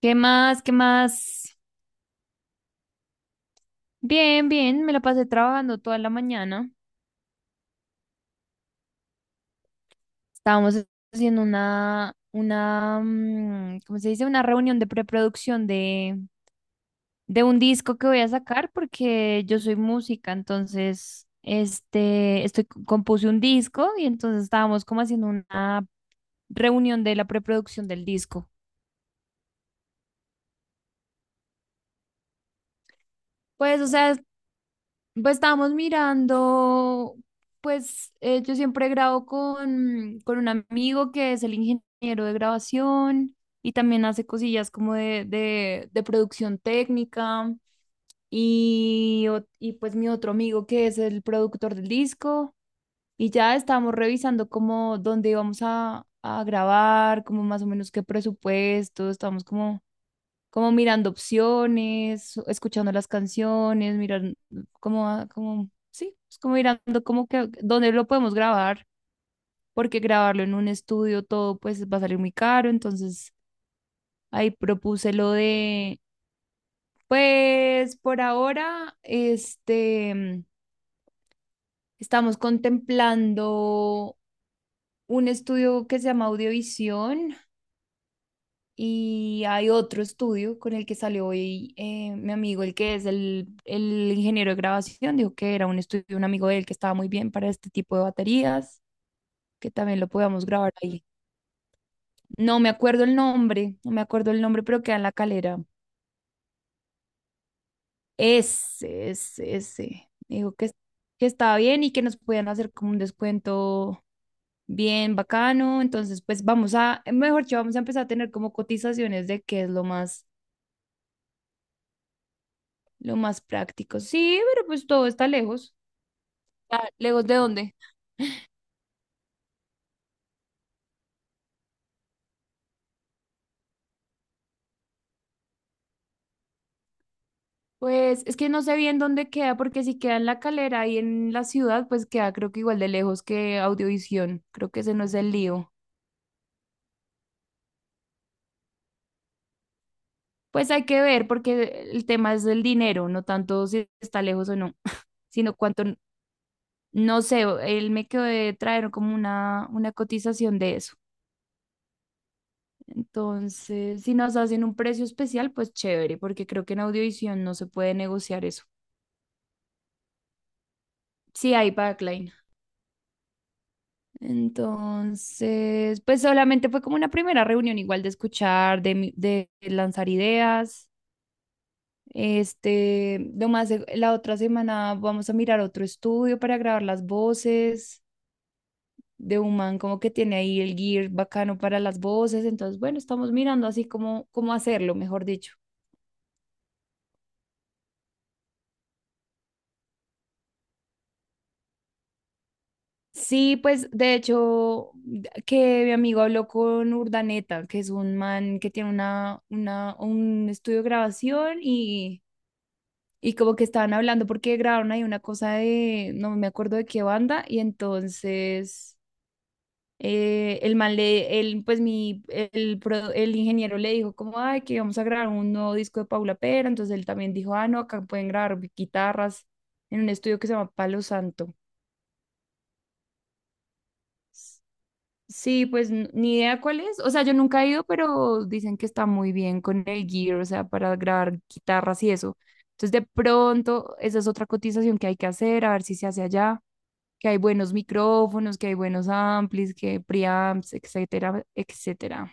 ¿Qué más? ¿Qué más? Bien, bien, me la pasé trabajando toda la mañana. Estábamos haciendo una, ¿cómo se dice? Una reunión de preproducción de un disco que voy a sacar porque yo soy música, entonces, compuse un disco y entonces estábamos como haciendo una reunión de la preproducción del disco. Pues, o sea. Pues estábamos mirando, pues yo siempre grabo con un amigo que es el ingeniero de grabación y también hace cosillas como de producción técnica y pues mi otro amigo que es el productor del disco y ya estábamos revisando como dónde íbamos a grabar, como más o menos qué presupuesto, estábamos como mirando opciones, escuchando las canciones, mirar como, como, sí, es como mirando como que dónde lo podemos grabar, porque grabarlo en un estudio todo pues va a salir muy caro, entonces ahí propuse lo de. Pues por ahora, estamos contemplando un estudio que se llama Audiovisión. Y hay otro estudio con el que salió hoy mi amigo, el que es el ingeniero de grabación, dijo que era un estudio, de un amigo de él que estaba muy bien para este tipo de baterías, que también lo podíamos grabar ahí. No me acuerdo el nombre, no me acuerdo el nombre, pero queda en la Calera. Ese, ese, ese. Dijo que, que estaba bien y que nos podían hacer como un descuento bien bacano. Entonces, pues vamos a, mejor dicho, vamos a empezar a tener como cotizaciones de qué es lo más. Lo más práctico. Sí, pero pues todo está lejos. Ah, ¿lejos de dónde? Pues es que no sé bien dónde queda, porque si queda en la Calera y en la ciudad, pues queda creo que igual de lejos que Audiovisión. Creo que ese no es el lío. Pues hay que ver, porque el tema es el dinero, no tanto si está lejos o no, sino cuánto, no sé, él me quedó de traer como una cotización de eso. Entonces, si nos hacen un precio especial, pues chévere, porque creo que en Audiovisión no se puede negociar eso. Sí, hay backline. Entonces, pues solamente fue como una primera reunión igual de escuchar, de lanzar ideas. La otra semana vamos a mirar otro estudio para grabar las voces de un man como que tiene ahí el gear bacano para las voces. Entonces, bueno, estamos mirando así como cómo hacerlo, mejor dicho. Sí, pues de hecho, que mi amigo habló con Urdaneta, que es un man que tiene un estudio de grabación y como que estaban hablando porque grabaron ahí una cosa de, no me acuerdo de qué banda, y entonces el man le, él pues mi, el, pro- el ingeniero le dijo como, ay, que vamos a grabar un nuevo disco de Paula Pera, entonces él también dijo, ah, no, acá pueden grabar guitarras en un estudio que se llama Palo Santo. Sí, pues ni idea cuál es, o sea, yo nunca he ido, pero dicen que está muy bien con el gear, o sea, para grabar guitarras y eso. Entonces, de pronto, esa es otra cotización que hay que hacer, a ver si se hace allá. Que hay buenos micrófonos, que hay buenos amplis, que preamps, etcétera, etcétera.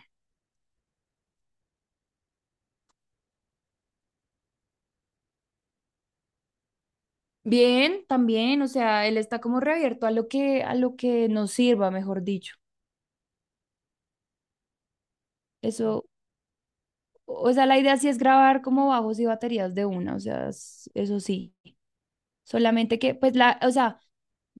Bien, también, o sea, él está como reabierto a lo que nos sirva, mejor dicho. Eso, o sea, la idea sí es grabar como bajos y baterías de una, o sea, eso sí. Solamente que, pues, o sea,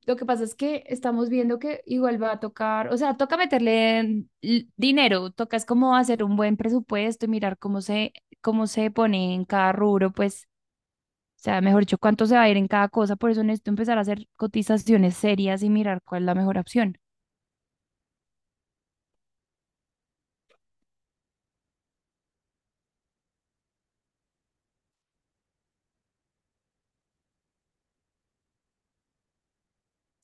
lo que pasa es que estamos viendo que igual va a tocar, o sea, toca meterle en dinero, toca es como hacer un buen presupuesto y mirar cómo se pone en cada rubro, pues sea, mejor dicho, cuánto se va a ir en cada cosa. Por eso necesito empezar a hacer cotizaciones serias y mirar cuál es la mejor opción.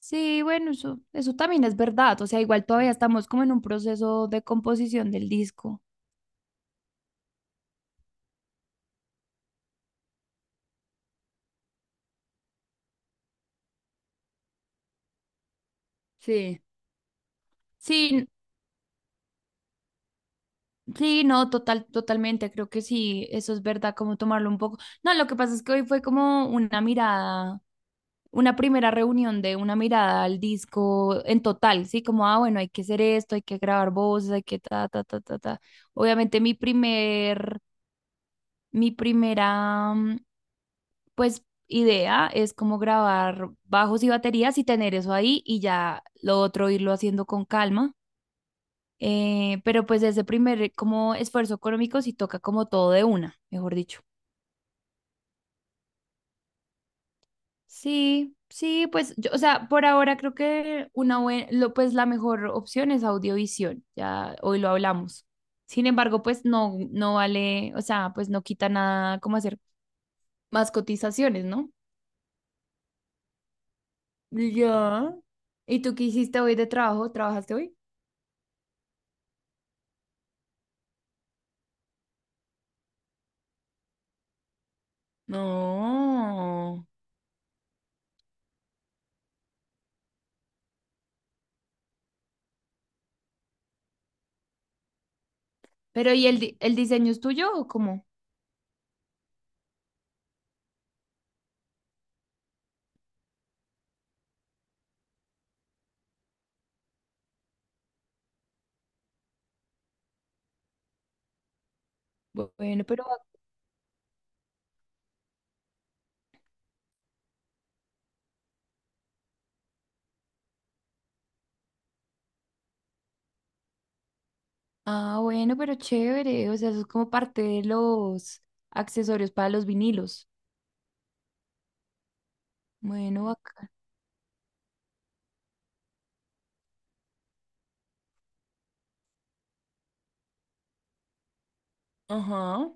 Sí, bueno, eso también es verdad. O sea, igual todavía estamos como en un proceso de composición del disco. Sí. Sí, sí, no, total, totalmente. Creo que sí, eso es verdad, como tomarlo un poco. No, lo que pasa es que hoy fue como una mirada, una primera reunión de una mirada al disco en total, sí, como, ah, bueno, hay que hacer esto, hay que grabar voces, hay que ta, ta, ta, ta, ta. Obviamente mi primer Mi primera, pues, idea es como grabar bajos y baterías y tener eso ahí y ya lo otro irlo haciendo con calma. Pero pues ese primer como esfuerzo económico sí toca como todo de una, mejor dicho. Sí, sí, pues yo, o sea, por ahora creo que pues la mejor opción es Audiovisión, ya hoy lo hablamos. Sin embargo, pues no, no vale, o sea, pues no quita nada como hacer más cotizaciones, ¿no? Ya. ¿Y tú qué hiciste hoy de trabajo? ¿Trabajaste hoy? No. Pero ¿y el, el diseño es tuyo o cómo? Bueno, pero. Ah, bueno, pero chévere. O sea, eso es como parte de los accesorios para los vinilos. Bueno, acá. Ajá.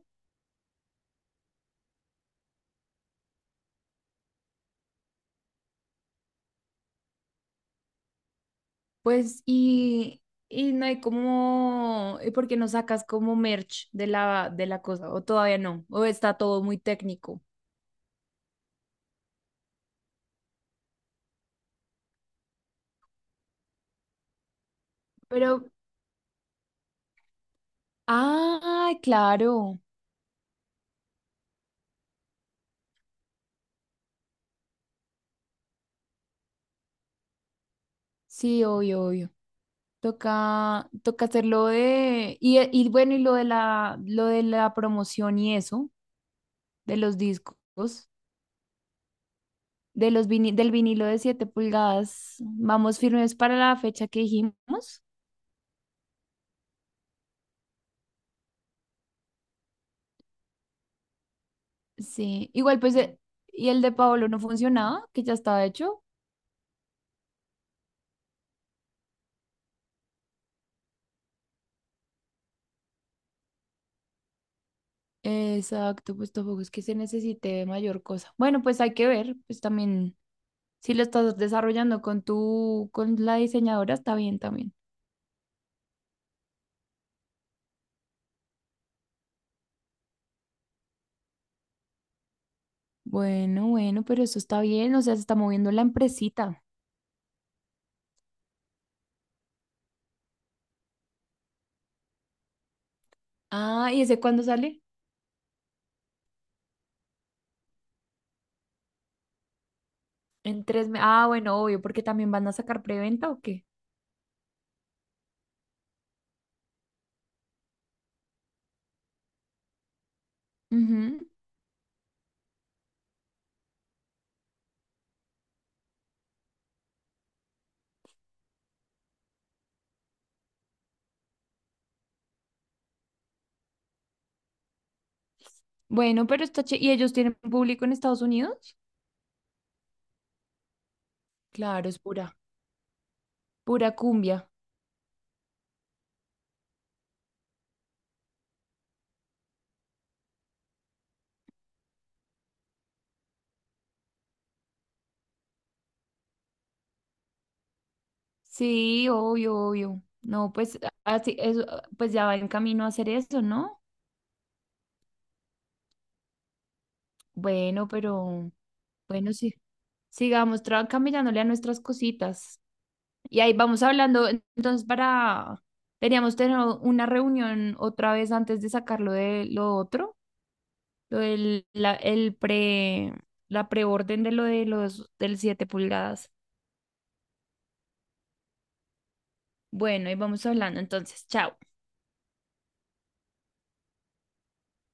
Pues, y no hay como, ¿y por qué no sacas como merch de la cosa? ¿O todavía no? ¿O está todo muy técnico? Pero, ah, claro. Sí, obvio, obvio. Toca, toca hacerlo de, y bueno, y lo de la promoción y eso, de los discos, del vinilo de 7 pulgadas, vamos firmes para la fecha que dijimos. Sí, igual pues, y el de Paolo no funcionaba, que ya estaba hecho. Exacto, pues tampoco es que se necesite mayor cosa. Bueno, pues hay que ver, pues también, si lo estás desarrollando con tu, con la diseñadora, está bien también. Bueno, bueno, pero eso está bien, o sea, se está moviendo la empresita. Ah, ¿y ese cuándo sale? En 3 meses. Ah, bueno, obvio, porque también van a sacar preventa o qué. Ujú. Bueno, pero ¿y ellos tienen público en Estados Unidos? Claro, es pura, pura cumbia. Sí, obvio, obvio. No, pues así, eso, ah, pues ya va en camino a hacer eso, ¿no? Bueno, pero bueno, sí. Sigamos camellándole a nuestras cositas. Y ahí vamos hablando, entonces teníamos tener una reunión otra vez antes de sacarlo de lo otro, lo del, la, el pre, la preorden de lo de los del 7 pulgadas. Bueno, ahí vamos hablando, entonces, chao.